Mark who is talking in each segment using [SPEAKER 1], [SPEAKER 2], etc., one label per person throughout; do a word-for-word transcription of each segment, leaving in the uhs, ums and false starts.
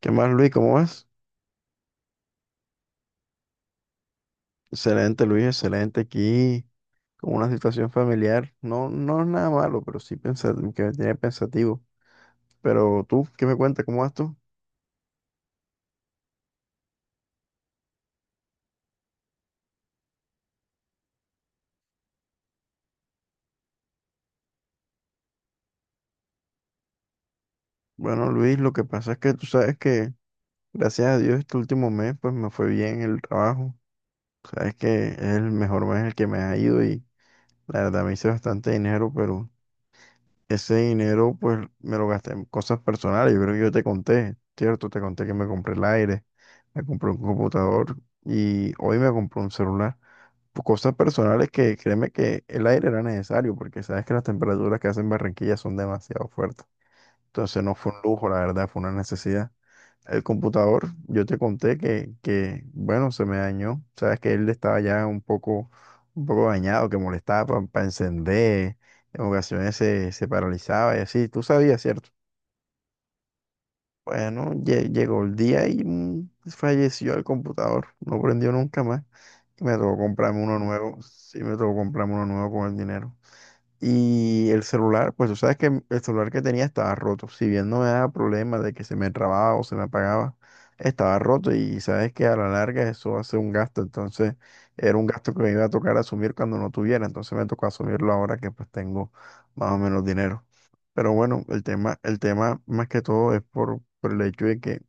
[SPEAKER 1] ¿Qué más, Luis? ¿Cómo vas? Excelente, Luis, excelente aquí, con una situación familiar. No, no es nada malo, pero sí pensa- que me tiene pensativo. Pero tú, ¿qué me cuentas? ¿Cómo vas tú? Bueno, Luis, lo que pasa es que tú sabes que, gracias a Dios, este último mes, pues me fue bien el trabajo. Sabes que es el mejor mes en el que me ha ido y la verdad me hice bastante dinero, pero ese dinero, pues, me lo gasté en cosas personales. Yo creo que yo te conté, ¿cierto? Te conté que me compré el aire, me compré un computador y hoy me compré un celular. Pues, cosas personales que créeme que el aire era necesario porque sabes que las temperaturas que hacen Barranquilla son demasiado fuertes. Entonces no fue un lujo, la verdad, fue una necesidad. El computador, yo te conté que, que, bueno, se me dañó. Sabes que él estaba ya un poco, un poco dañado, que molestaba para encender. En ocasiones se, se paralizaba y así. Tú sabías, ¿cierto? Bueno, lle- llegó el día y mm, falleció el computador. No prendió nunca más. Y me tocó comprarme uno nuevo. Sí, me tocó comprarme uno nuevo con el dinero. Y el celular, pues tú sabes que el celular que tenía estaba roto. Si bien no me daba problema de que se me trababa o se me apagaba, estaba roto y sabes que a la larga eso hace un gasto. Entonces era un gasto que me iba a tocar asumir cuando no tuviera. Entonces me tocó asumirlo ahora que pues tengo más o menos dinero. Pero bueno, el tema, el tema más que todo es por, por el hecho de que,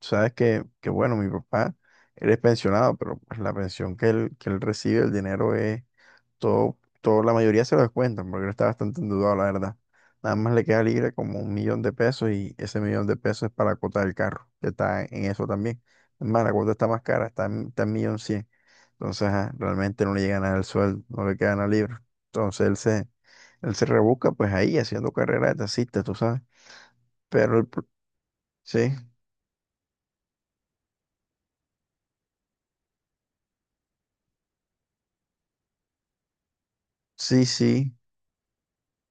[SPEAKER 1] sabes que, que bueno, mi papá, él es pensionado, pero pues la pensión que él, que él recibe, el dinero es todo, todo, la mayoría se lo descuentan porque él está bastante endeudado, la verdad. Nada más le queda libre como un millón de pesos y ese millón de pesos es para la cuota del carro, que está en eso también. Es más, la cuota está más cara, está en, está en millón cien. Entonces, ajá, realmente no le llega nada al sueldo, no le queda nada libre. Entonces, él se, él se rebusca pues ahí haciendo carrera de taxista, tú sabes. Pero el, pro- sí, sí, sí.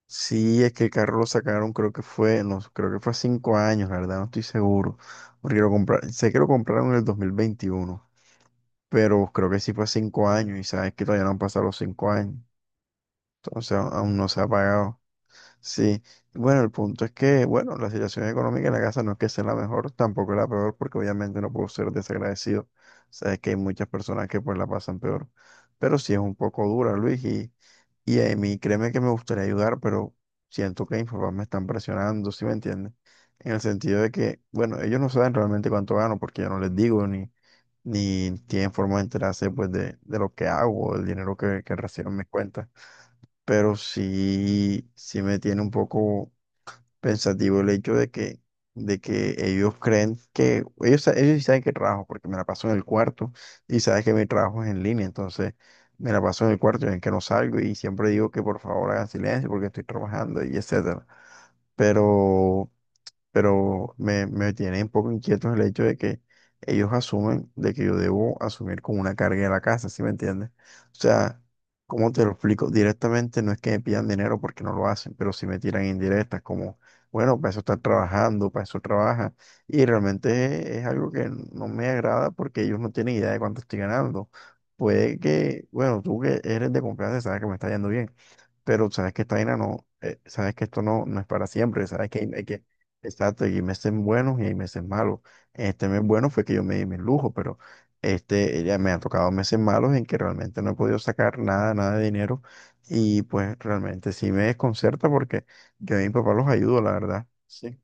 [SPEAKER 1] Sí, es que el carro lo sacaron, creo que fue, no, creo que fue hace cinco años, la verdad, no estoy seguro. Porque lo comprar, sé que lo compraron en el dos mil veintiuno, pero creo que sí fue hace cinco años y sabes que todavía no han pasado los cinco años. Entonces a- aún no se ha pagado. Sí, bueno, el punto es que, bueno, la situación económica en la casa no es que sea la mejor, tampoco es la peor, porque obviamente no puedo ser desagradecido. Sabes que hay muchas personas que pues la pasan peor, pero sí es un poco dura, Luis, y, y a mí créeme que me gustaría ayudar, pero siento que Infobae me están presionando, ¿sí me entiendes? En el sentido de que, bueno, ellos no saben realmente cuánto gano, porque yo no les digo, ni, ni tienen forma de enterarse pues de, de lo que hago, del dinero que, que recibo en mis cuentas. Pero sí, sí me tiene un poco pensativo el hecho de que, de que, ellos creen que, ellos, sa- ellos sí saben que trabajo, porque me la paso en el cuarto y sabes que mi trabajo es en línea, entonces me la paso en el cuarto y ven que no salgo y siempre digo que por favor hagan silencio porque estoy trabajando y etcétera. Pero pero me, me tiene un poco inquieto el hecho de que ellos asumen de que yo debo asumir como una carga de la casa, ¿sí me entiendes? O sea, ¿cómo te lo explico? Directamente no es que me pidan dinero porque no lo hacen, pero sí me tiran indirectas como, bueno, para eso estás trabajando, para eso trabajas. Y realmente es algo que no me agrada porque ellos no tienen idea de cuánto estoy ganando. Puede que, bueno, tú que eres de confianza sabes que me está yendo bien, pero sabes que esta vaina no, eh, sabes que esto no, no es para siempre, sabes que, hay que Exacto, hay meses buenos y hay meses malos. Este mes bueno fue que yo me di mis lujos, pero este, ya me han tocado meses malos en que realmente no he podido sacar nada, nada de dinero y pues realmente sí me desconcerta porque yo a mi papá los ayudo, la verdad. Sí.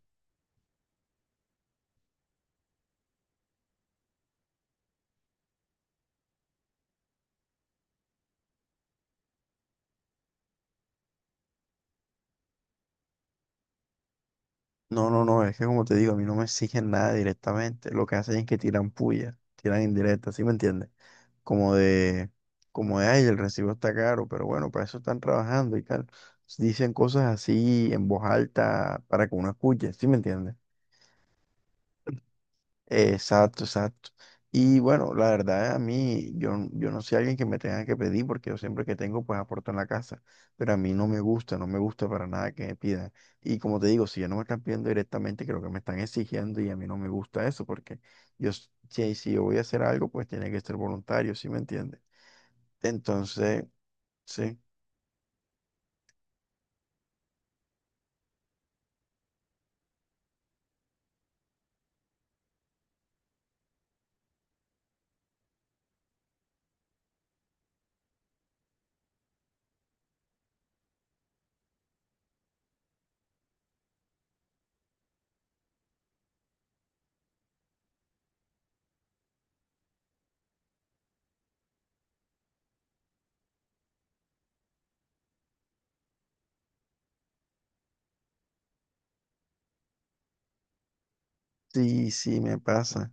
[SPEAKER 1] No, no, no, es que como te digo, a mí no me exigen nada directamente. Lo que hacen es que tiran puya, tiran indirecta, ¿sí me entiendes? Como de, como de, ay, el recibo está caro, pero bueno, para eso están trabajando y tal. Dicen cosas así en voz alta para que uno escuche, ¿sí me entiendes? Exacto, exacto. Y bueno, la verdad, a mí, yo, yo no soy alguien que me tenga que pedir, porque yo siempre que tengo, pues aporto en la casa. Pero a mí no me gusta, no me gusta para nada que me pidan. Y como te digo, si ya no me están pidiendo directamente, creo que me están exigiendo y a mí no me gusta eso, porque yo, s- si, si yo voy a hacer algo, pues tiene que ser voluntario, ¿sí me entiendes? Entonces, sí, sí, sí, me pasa.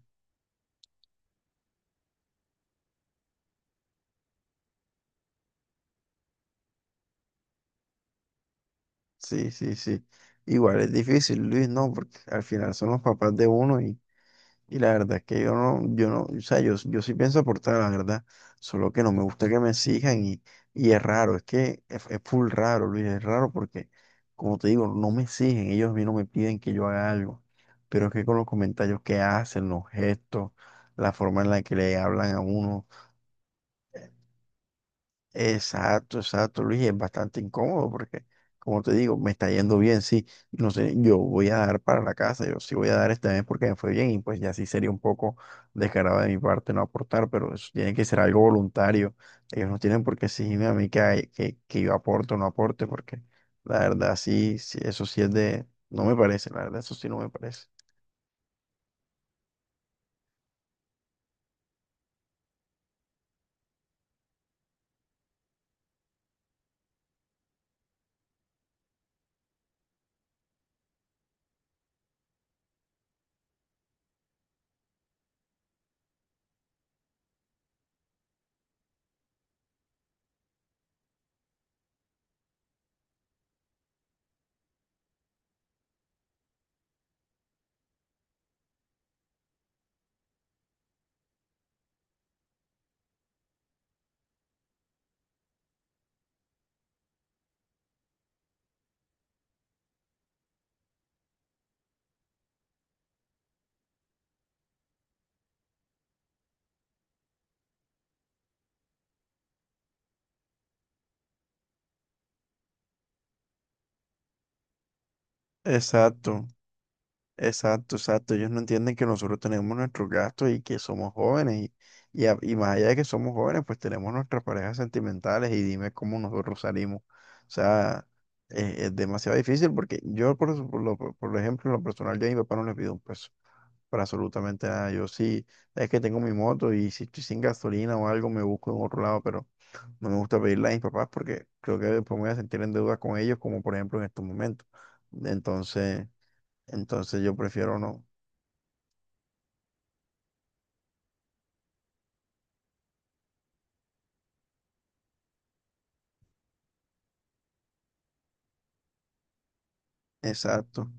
[SPEAKER 1] Sí, sí, sí. Igual es difícil, Luis, no, porque al final son los papás de uno. Y la verdad es que yo no, yo no, o sea, yo, yo sí pienso aportar, la verdad, solo que no me gusta que me exijan y, y, es raro, es que es, es full raro, Luis, es raro porque, como te digo, no me exigen, ellos a mí no me piden que yo haga algo, pero es que con los comentarios que hacen, los gestos, la forma en la que le hablan a uno, exacto, exacto, Luis, y es bastante incómodo porque, como te digo, me está yendo bien, sí, no sé, yo voy a dar para la casa, yo sí voy a dar este mes porque me fue bien y pues ya sí sería un poco descarado de mi parte no aportar, pero eso tiene que ser algo voluntario, ellos no tienen por qué exigirme a mí que, hay- que, que yo aporte o no aporte porque la verdad sí, sí, eso sí es de, no me parece, la verdad eso sí no me parece. Exacto. Exacto, exacto. Ellos no entienden que nosotros tenemos nuestros gastos y que somos jóvenes. Y, y, a- y más allá de que somos jóvenes, pues tenemos nuestras parejas sentimentales y dime cómo nosotros salimos. O sea, es, es demasiado difícil porque yo, por, su- por lo, por por ejemplo, en lo personal, yo a mi papá no le pido un peso para absolutamente nada. Yo sí, es que tengo mi moto y si estoy sin gasolina o algo, me busco en otro lado, pero no me gusta pedirle a mis papás porque creo que después me voy a sentir en deuda con ellos, como por ejemplo en estos momentos. Entonces. Entonces yo prefiero no. Exacto.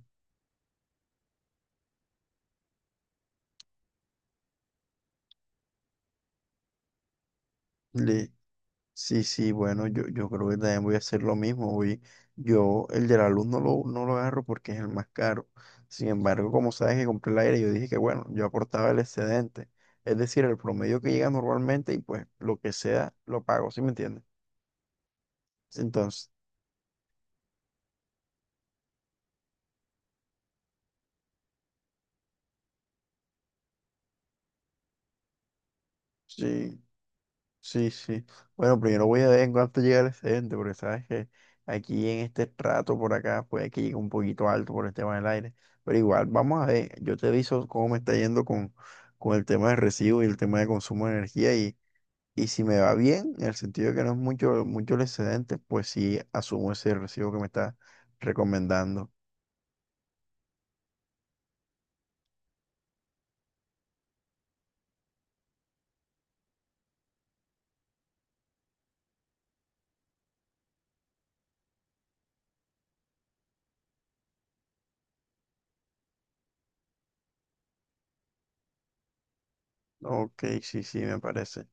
[SPEAKER 1] Le- sí, sí, bueno, yo, yo creo que también voy a hacer lo mismo. Voy, yo el de la luz no lo, no lo agarro porque es el más caro. Sin embargo, como sabes que compré el aire, yo dije que bueno, yo aportaba el excedente. Es decir, el promedio que llega normalmente y pues lo que sea, lo pago, ¿sí me entiendes? Entonces, sí. Sí, sí. Bueno, primero voy a ver en cuánto llega el excedente, porque sabes que aquí en este trato por acá puede que llegue un poquito alto por el tema del aire. Pero igual, vamos a ver. Yo te aviso cómo me está yendo con, con el tema de recibo y el tema de consumo de energía. Y, y si me va bien, en el sentido de que no es mucho, mucho el excedente, pues sí asumo ese recibo que me está recomendando. Ok, sí, sí, me parece.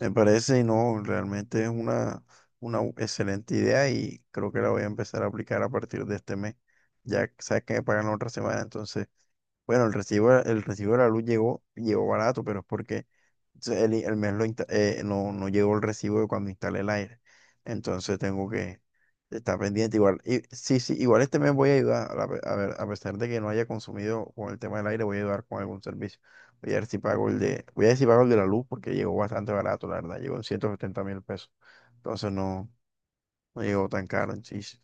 [SPEAKER 1] Me parece y no, realmente es una, una u- excelente idea y creo que la voy a empezar a aplicar a partir de este mes. Ya que- sabes que me pagan la otra semana, entonces, bueno, el recibo, el recibo de la luz llegó, llegó barato, pero es porque entonces, el, el mes lo insta- eh, no, no llegó el recibo de cuando instalé el aire. Entonces tengo que estar pendiente. Igual, y, sí, sí, igual este mes voy a ayudar. A, pe- a ver, a pesar de que no haya consumido con el tema del aire, voy a ayudar con algún servicio. Voy a ver si pago el de, voy a ver si pago el de la luz porque llegó bastante barato, la verdad. Llegó en ciento setenta mil pesos. Entonces no, no llegó tan caro. Sí, sí.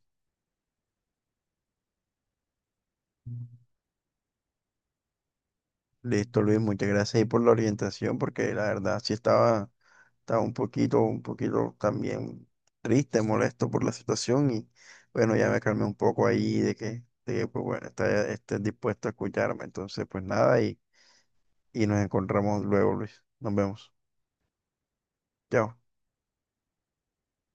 [SPEAKER 1] Listo, Luis, muchas gracias ahí por la orientación porque la verdad sí estaba. Estaba un poquito, un poquito también triste, molesto por la situación y bueno, ya me calmé un poco ahí de que, de que, pues bueno, está, esté dispuesto a escucharme. Entonces, pues nada, y, y, nos encontramos luego, Luis. Nos vemos. Chao.